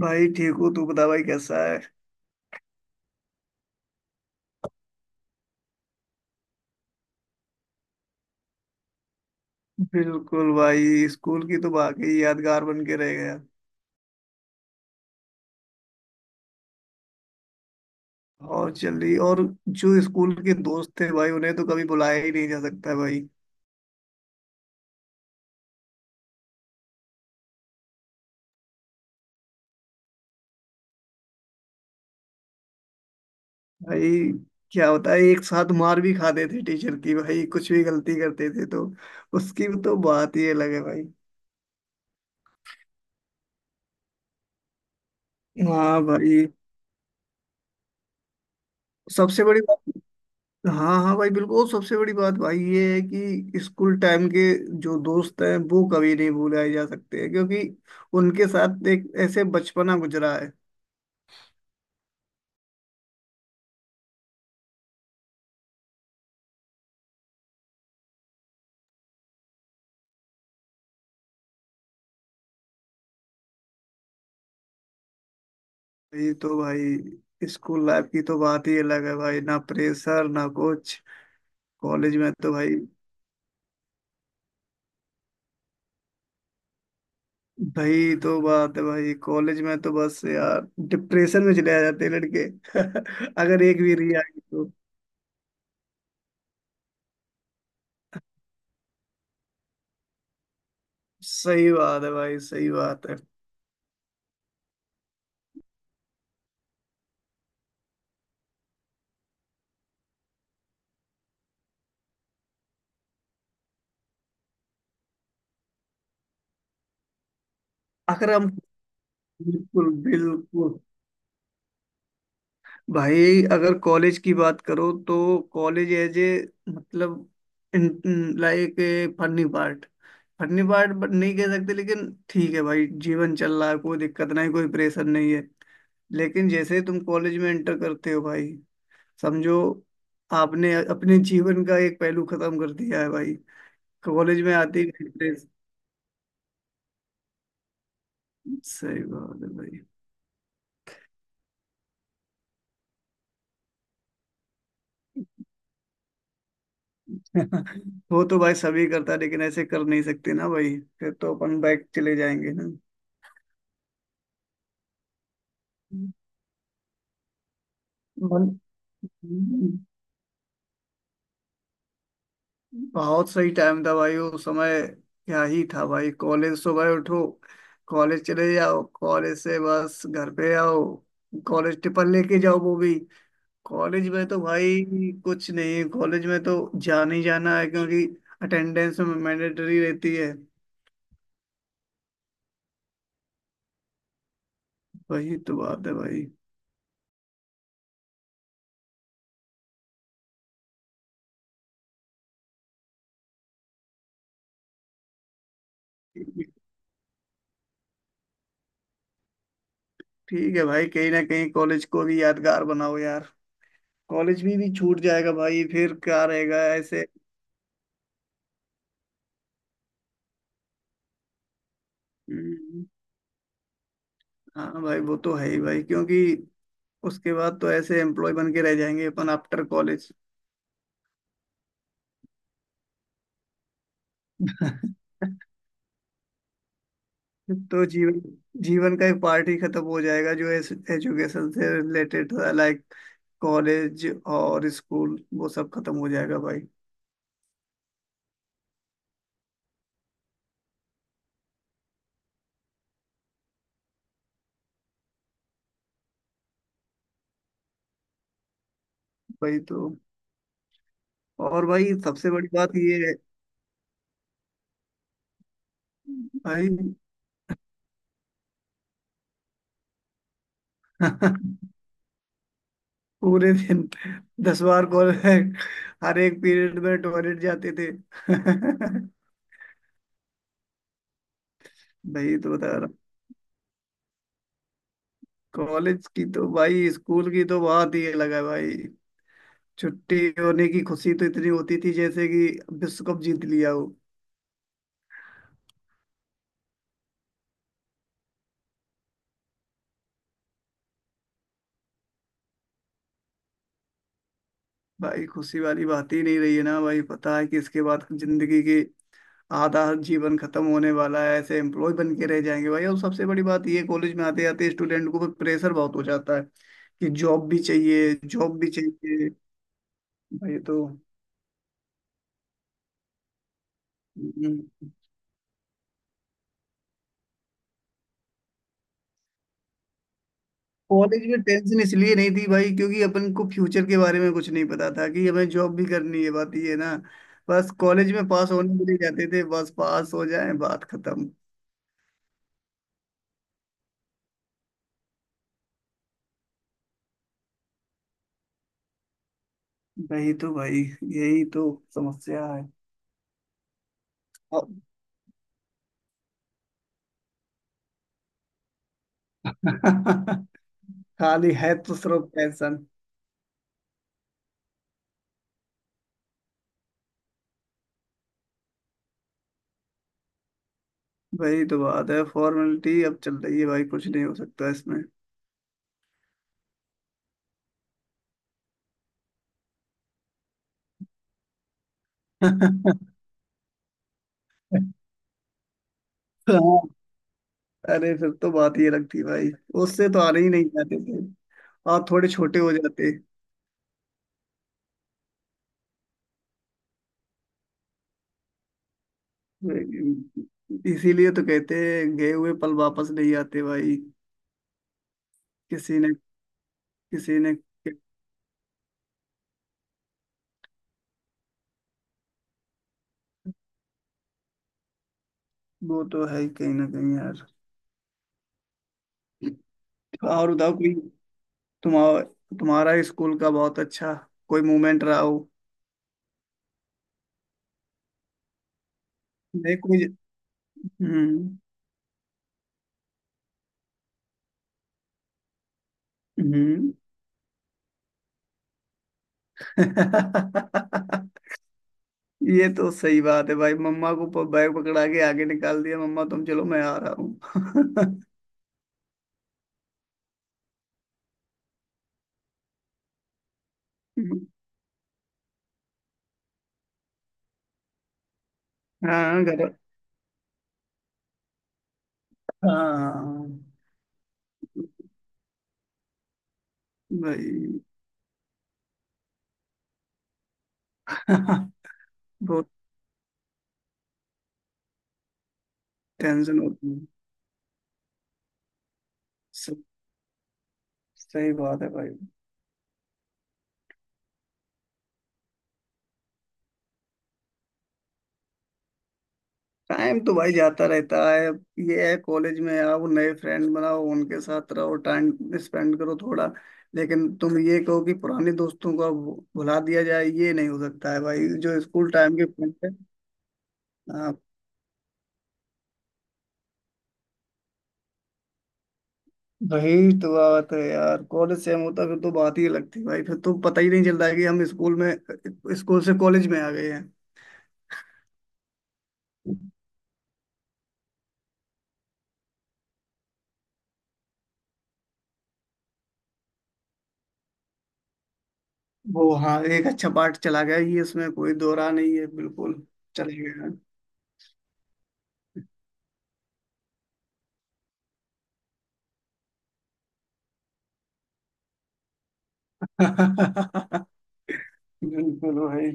भाई ठीक हूँ। तू बता भाई कैसा है। बिल्कुल भाई स्कूल की तो वाकई यादगार बन के रह गया। और चल रही और। जो स्कूल के दोस्त थे भाई उन्हें तो कभी बुलाया ही नहीं जा सकता है भाई। भाई क्या होता है एक साथ मार भी खाते थे टीचर की भाई कुछ भी गलती करते थे तो उसकी तो बात ही अलग है भाई। हाँ भाई सबसे बड़ी बात। हाँ, हाँ, भाई बिल्कुल। और सबसे बड़ी बात भाई ये है कि स्कूल टाइम के जो दोस्त हैं वो कभी नहीं भुलाए जा सकते हैं क्योंकि उनके साथ एक ऐसे बचपना गुजरा है। ये तो भाई स्कूल लाइफ की तो बात ही अलग है भाई। ना प्रेशर ना कुछ। कॉलेज में तो भाई। भाई तो बात है भाई कॉलेज में तो बस यार डिप्रेशन में चले आ जाते हैं लड़के। अगर एक भी री आई तो। सही बात है भाई। सही बात है। अगर हम। बिल्कुल बिल्कुल। भाई अगर कॉलेज की बात करो तो कॉलेज एज ए। मतलब। Like a funny part. Funny part नहीं कह सकते लेकिन ठीक है भाई जीवन चल रहा है। कोई दिक्कत नहीं कोई प्रेशर नहीं है। लेकिन जैसे ही तुम कॉलेज में एंटर करते हो भाई। समझो। आपने अपने जीवन का एक पहलू खत्म कर दिया है भाई। कॉलेज में आते ही प्रेस-। सही बात है भाई। वो तो भाई सभी करता है लेकिन ऐसे कर नहीं सकते ना भाई फिर तो अपन बैक चले जाएंगे। ना मन। बहुत सही टाइम था भाई वो समय। क्या ही था भाई कॉलेज सुबह उठो। कॉलेज चले जाओ कॉलेज से बस घर पे आओ। कॉलेज टिफिन लेके जाओ वो भी। कॉलेज में तो भाई। कुछ नहीं कॉलेज में तो जाना ही जाना है क्योंकि अटेंडेंस में मैंडेटरी रहती है। वही तो बात है भाई। ठीक है भाई कहीं ना कहीं कॉलेज को भी यादगार बनाओ यार। कॉलेज भी छूट जाएगा भाई फिर क्या रहेगा ऐसे। हम्म, हाँ भाई वो तो है ही भाई क्योंकि उसके बाद तो ऐसे एम्प्लॉय बन के रह जाएंगे अपन आफ्टर कॉलेज। तो जीवन जीवन का एक पार्ट ही खत्म हो जाएगा जो एजुकेशन से रिलेटेड था लाइक कॉलेज और स्कूल वो सब खत्म हो जाएगा भाई। भाई तो। और भाई सबसे बड़ी बात ये है। भाई पूरे दिन 10 बार कॉल। हर एक पीरियड में टॉयलेट जाते थे। भाई तो बता। कॉलेज की तो भाई स्कूल की तो बात ही अलग है भाई। छुट्टी होने की खुशी तो इतनी होती थी जैसे कि विश्व कप जीत लिया हो। भाई खुशी वाली बात ही नहीं रही है ना भाई। पता है कि इसके बाद जिंदगी की आधा जीवन खत्म होने वाला है। ऐसे एम्प्लॉय बन के रह जाएंगे भाई। और सबसे बड़ी बात ये कॉलेज में आते आते स्टूडेंट को प्रेशर बहुत हो जाता है कि जॉब भी चाहिए जॉब भी चाहिए। भाई तो। हम्म, कॉलेज में टेंशन इसलिए नहीं थी भाई क्योंकि अपन को फ्यूचर के बारे में कुछ नहीं पता था कि हमें जॉब भी करनी है बात ये है ना। बस कॉलेज में पास होने के लिए जाते थे बस पास हो जाए बात खत्म। वही तो भाई। यही तो समस्या है। अब खाली है तो सिर्फ टेंशन। वही तो बात है फॉर्मेलिटी अब चल रही है भाई कुछ नहीं हो सकता इसमें। हाँ, अरे फिर तो बात ही अलग थी भाई। उससे तो आने ही नहीं जाते थे। आप थोड़े छोटे हो जाते। इसीलिए तो कहते हैं गए हुए पल वापस नहीं आते भाई। किसी ने किसी ने वो तो है ही कहीं ना कहीं यार। और बताओ कोई। तुम्हारा तुम्हारा स्कूल का बहुत अच्छा कोई मोमेंट रहा हो। नहीं कोई। हम्म। हम्म। ये तो सही बात है भाई मम्मा को प- बैग पकड़ा के आगे निकाल दिया मम्मा तुम चलो मैं आ रहा हूँ। हाँ घर। हाँ भाई बहुत टेंशन होती। सब सही बात है भाई। टाइम तो भाई जाता रहता है अब। ये है कॉलेज में आओ नए फ्रेंड बनाओ उनके साथ रहो टाइम स्पेंड करो थोड़ा। लेकिन तुम ये कहो कि पुराने दोस्तों को अब भुला दिया जाए ये नहीं हो सकता है भाई। जो स्कूल टाइम के फ्रेंड थे। हाँ, वही तो बात है यार कॉलेज से हम होता फिर तो बात ही अलग थी भाई। फिर तो पता ही नहीं चलता है कि हम स्कूल में स्कूल से कॉलेज में आ गए हैं। वो हाँ एक अच्छा पार्ट चला गया ये इसमें कोई दोहरा नहीं है बिल्कुल। चले गए हैं। बिल्कुल भाई।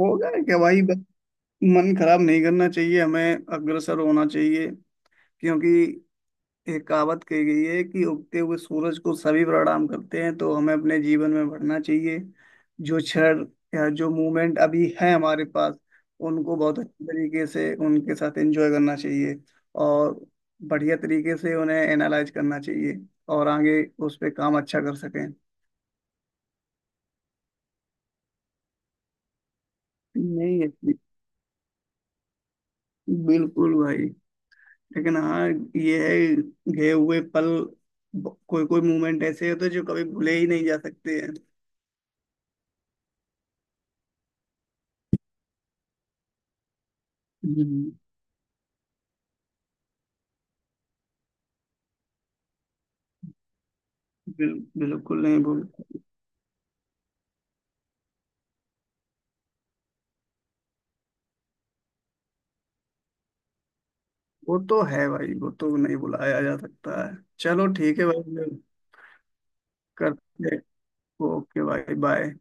होगा क्या भाई बस। मन खराब नहीं करना चाहिए हमें अग्रसर होना चाहिए क्योंकि एक कहावत कही गई है कि उगते हुए सूरज को सभी प्रणाम करते हैं तो हमें अपने जीवन में बढ़ना चाहिए जो क्षण या जो मूवमेंट अभी है हमारे पास उनको बहुत अच्छे तरीके से उनके साथ एंजॉय करना चाहिए और बढ़िया तरीके से उन्हें एनालाइज करना चाहिए और आगे उस पे काम अच्छा कर सकें। नहीं बिल्कुल भाई। लेकिन हाँ ये है गए हुए पल कोई कोई मोमेंट ऐसे होते हैं जो कभी भूले ही नहीं जा सकते हैं। हम्म, बिल्कुल नहीं भूल। वो तो है भाई वो तो नहीं भुलाया जा सकता है चलो ठीक है भाई करते हैं। ओके भाई बाय।